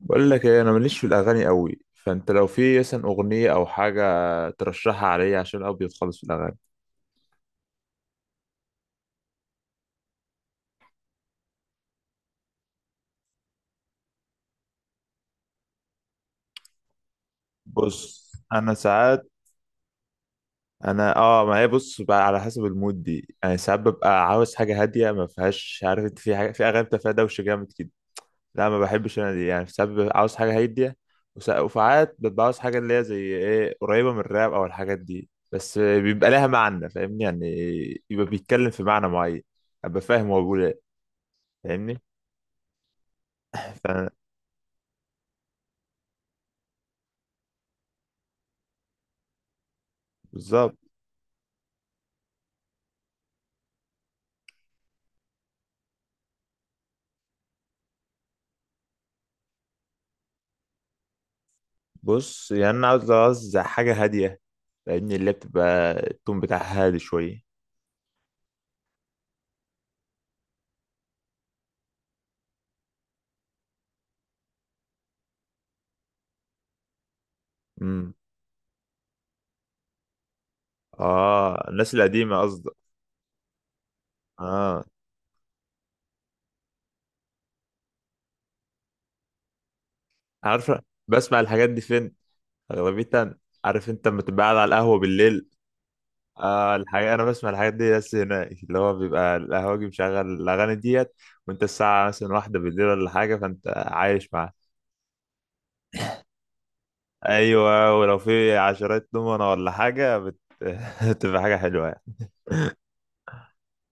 بقول لك ايه، انا ماليش في الاغاني قوي، فانت لو في مثلا اغنيه او حاجه ترشحها عليا عشان ابيض خالص في الاغاني. بص انا ساعات. انا اه ما هي بص بقى على حسب المود دي، انا ساعات ببقى عاوز حاجه هاديه ما فيهاش، عارف انت، في حاجه، في اغاني بتبقى فيها دوشه جامد كده. لا ما بحبش انا دي، يعني ساعات ببقى عاوز حاجه هاديه، وسا- وساعات ببقى عاوز حاجه اللي هي زي ايه، قريبه من الراب او الحاجات دي، بس بيبقى لها معنى، فاهمني يعني؟ يبقى بيتكلم في معنى معين، ابقى فاهم هو بيقول ايه. فاهمني؟ بالظبط. بص يعني انا عاوز حاجه هاديه، لان اللي بتبقى التون بتاعها هادي شويه. امم اه الناس القديمه قصدك. اه. عارف بسمع الحاجات دي فين اغلبيتها؟ عارف انت لما تبقى قاعد على القهوه بالليل؟ اه الحاجة، انا بسمع الحاجات دي بس هناك، اللي هو بيبقى القهوجي مشغل الاغاني ديت، وانت الساعه مثلا واحدة بالليل ولا حاجه، فانت عايش معاها. ايوه ولو في عشرات دومنه ولا حاجه بتبقى حاجه حلوه يعني.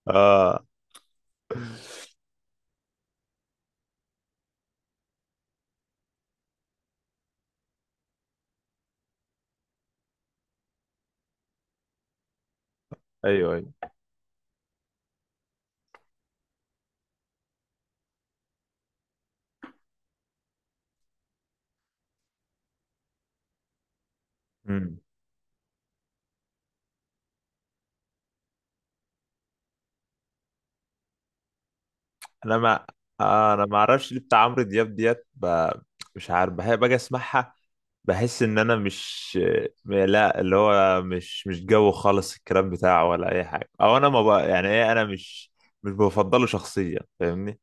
اه. ايوه أيوة. مم. انا ما انا ما اعرفش ليه بتاع عمرو دياب ديت مش عارف، بحب باجي اسمعها، بحس ان انا مش، لا اللي هو مش جو خالص الكلام بتاعه ولا اي حاجه، او انا ما بقى يعني ايه، انا مش، مش بفضله شخصيا، فاهمني؟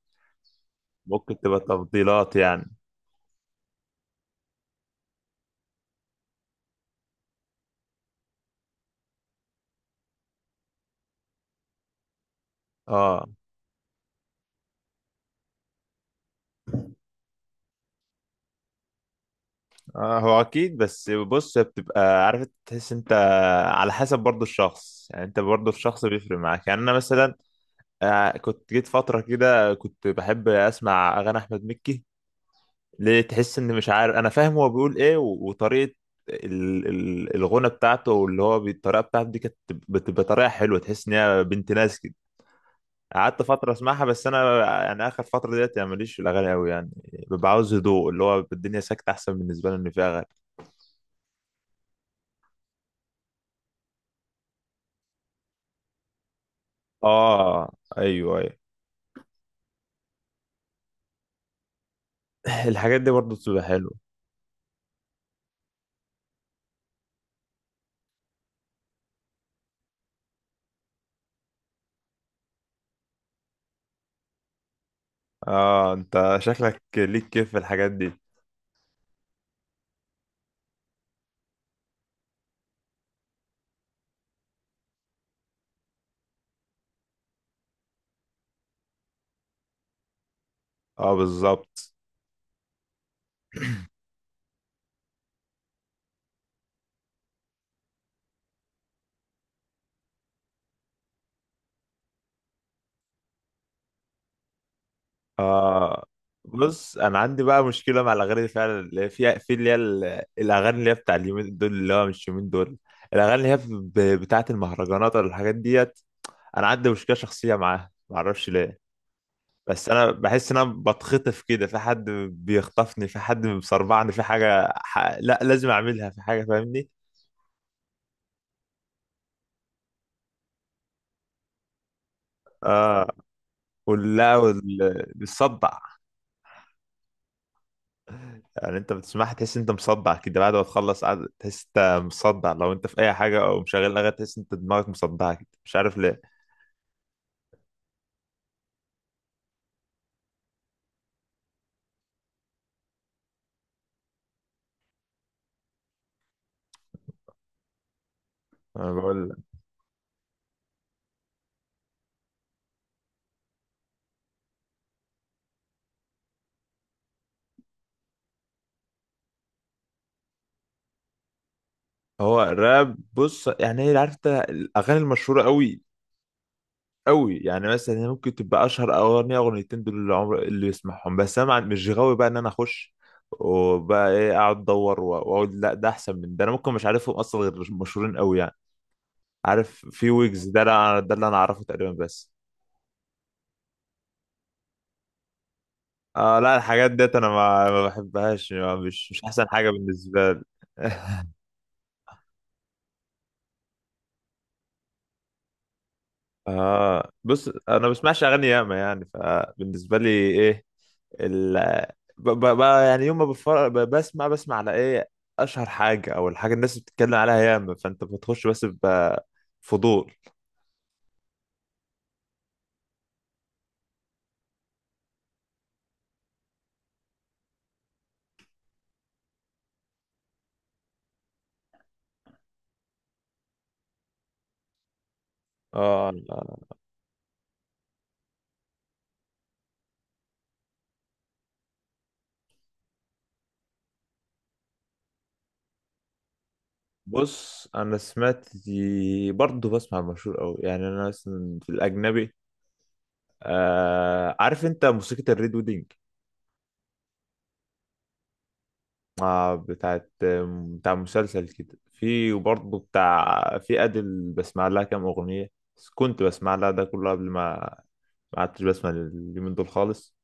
ممكن تبقى تفضيلات يعني. اه. اه هو اكيد، بس بص هي بتبقى، عارف تحس انت على حسب برضو الشخص، يعني انت برضو الشخص بيفرق معاك، يعني انا مثلا كنت جيت فترة كده كنت بحب أسمع أغاني أحمد مكي، ليه تحس إن مش عارف أنا فاهم هو بيقول إيه، و- وطريقة ال الغنى بتاعته، الطريقة بتاعته دي كانت بتبقى طريقة حلوة، تحس إن هي بنت ناس كده. قعدت فترة أسمعها، بس أنا يعني آخر فترة ديت يعني ماليش في الأغاني أوي يعني، ببقى عاوز هدوء، اللي هو الدنيا ساكتة أحسن بالنسبة لي إن فيها أغاني. آه أيوه أيوه. الحاجات دي برضه بتبقى حلوة. آه أنت شكلك ليك كيف في الحاجات دي. آه بالظبط. اه بص انا عندي بقى مشكله مع الاغاني دي فعلا، اللي هي فيها، في اللي هي ال- الاغاني اللي هي بتاع اليومين دول، اللي هو مش يومين دول، الاغاني اللي هي بتاعه المهرجانات ولا الحاجات ديت. انا عندي مشكله شخصيه معاها، ما اعرفش ليه، بس انا بحس ان انا بتخطف كده في حد، بيخطفني في حد، بيصرعني في حاجه لا لازم اعملها في حاجه، فاهمني؟ اه ولا والصدع. يعني انت بتسمعها تحس انت مصدع كده، بعد ما تخلص قاعد تحس انت مصدع، لو انت في اي حاجه او مشغل اغاني تحس انت دماغك مصدعه كده، مش عارف ليه. انا بقول لك، هو الراب بص يعني ايه، عارف انت الاغاني المشهوره قوي قوي، يعني مثلا هي ممكن تبقى اشهر اغنيه اغنيتين دول اللي عمر اللي يسمعهم، بس انا مش غاوي بقى ان انا اخش وبقى ايه، اقعد ادور و- واقول لا ده احسن من ده. انا ممكن مش عارفهم اصلا غير مشهورين قوي يعني. عارف في ويجز ده، ده اللي انا اعرفه تقريبا بس. اه لا الحاجات ديت انا ما بحبهاش، مش احسن حاجه بالنسبه لي. اه بص انا ما بسمعش اغاني ياما يعني، فبالنسبه لي ايه، ال يعني يوم ما بسمع على ايه؟ اشهر حاجه او الحاجه الناس بتتكلم عليها ياما، فانت بتخش بس بفضول. اه لا. بص انا سمعت، برضه بسمع مشهور قوي، يعني انا مثلا في الاجنبي، آه عارف انت موسيقى الريد ويدنج؟ آه بتاع مسلسل كده، في وبرضه بتاع، في أدل بسمع لها كام أغنية، بس كنت بسمع لها ده كله قبل ما، ما عدتش بسمع اليومين دول خالص.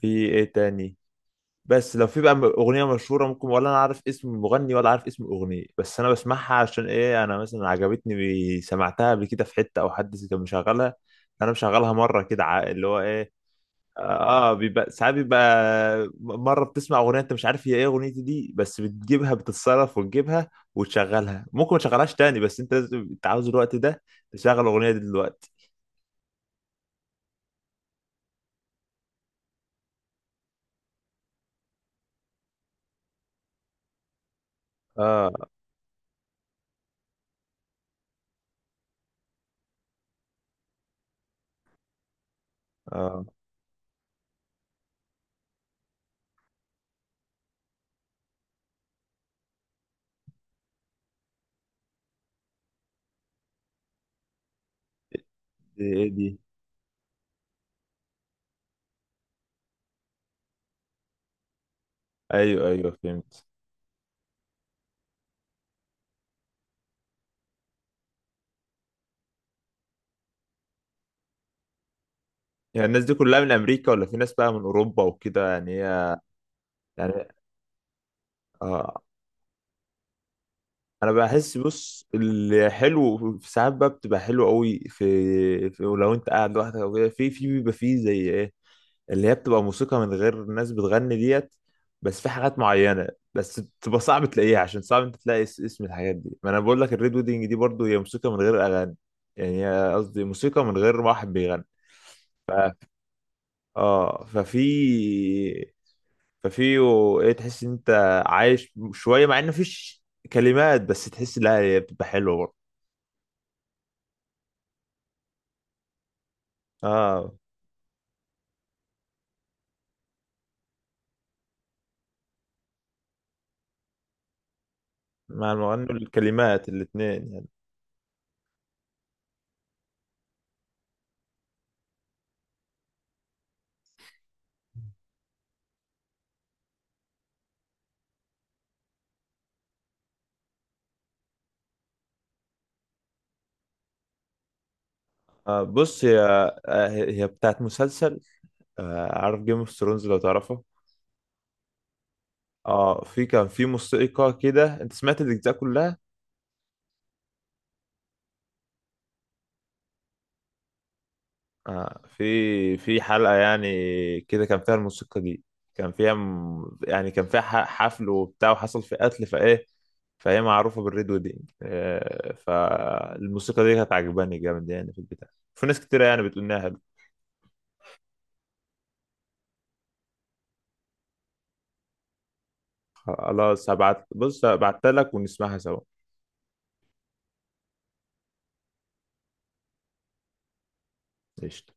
في إيه تاني؟ بس لو في بقى أغنية مشهورة ممكن، ولا أنا عارف اسم المغني ولا عارف اسم الأغنية، بس أنا بسمعها عشان إيه، أنا مثلا عجبتني، سمعتها قبل كده في حتة أو حد كان مشغلها، أنا مشغلها مرة كده اللي هو إيه. اه. آه، بيبقى ساعات مره بتسمع اغنيه انت مش عارف هي ايه اغنيتي دي، بس بتجيبها، بتتصرف وتجيبها وتشغلها، ممكن ما تشغلهاش تاني بس انت لازم، انت عاوز الوقت ده تشغل الاغنيه دي دلوقتي. اه. اه. دي ايه دي؟ ايوه ايوه فهمت. يعني الناس دي كلها من امريكا، ولا في ناس بقى من اوروبا وكده يعني هي؟ يعني اه. انا بحس، بص الحلو ساعات بقى بتبقى حلو قوي، في لو انت قاعد لوحدك او كده، في بيبقى فيه زي ايه، اللي هي بتبقى موسيقى من غير ناس بتغني ديت، بس في حاجات معينة، بس بتبقى صعب تلاقيها عشان صعب انت تلاقي اسم الحاجات دي. ما انا بقول لك الريد ويدنج دي برضو هي موسيقى من غير اغاني، يعني هي قصدي موسيقى من غير واحد بيغني. اه ففي ايه، تحس ان انت عايش شوية مع ان مفيش كلمات، بس تحس لا، هي بتبقى حلوة برضو. اه مع المغني والكلمات الاثنين يعني. آه بص هي، آه هي بتاعت مسلسل، آه عارف جيم اوف ثرونز لو تعرفه؟ اه في كان في موسيقى كده، انت سمعت الاجزاء كلها؟ آه في حلقة يعني كده كان فيها الموسيقى دي، كان فيها يعني كان فيها حفل وبتاع وحصل في قتل، فايه فهي معروفة بالريد ويدنج، آه فالموسيقى دي كانت عجباني جامد يعني في البتاع، في ناس كتيرة يعني بتقول إنها. خلاص هبعت، بص هبعتها لك ونسمعها سوا. قشطة.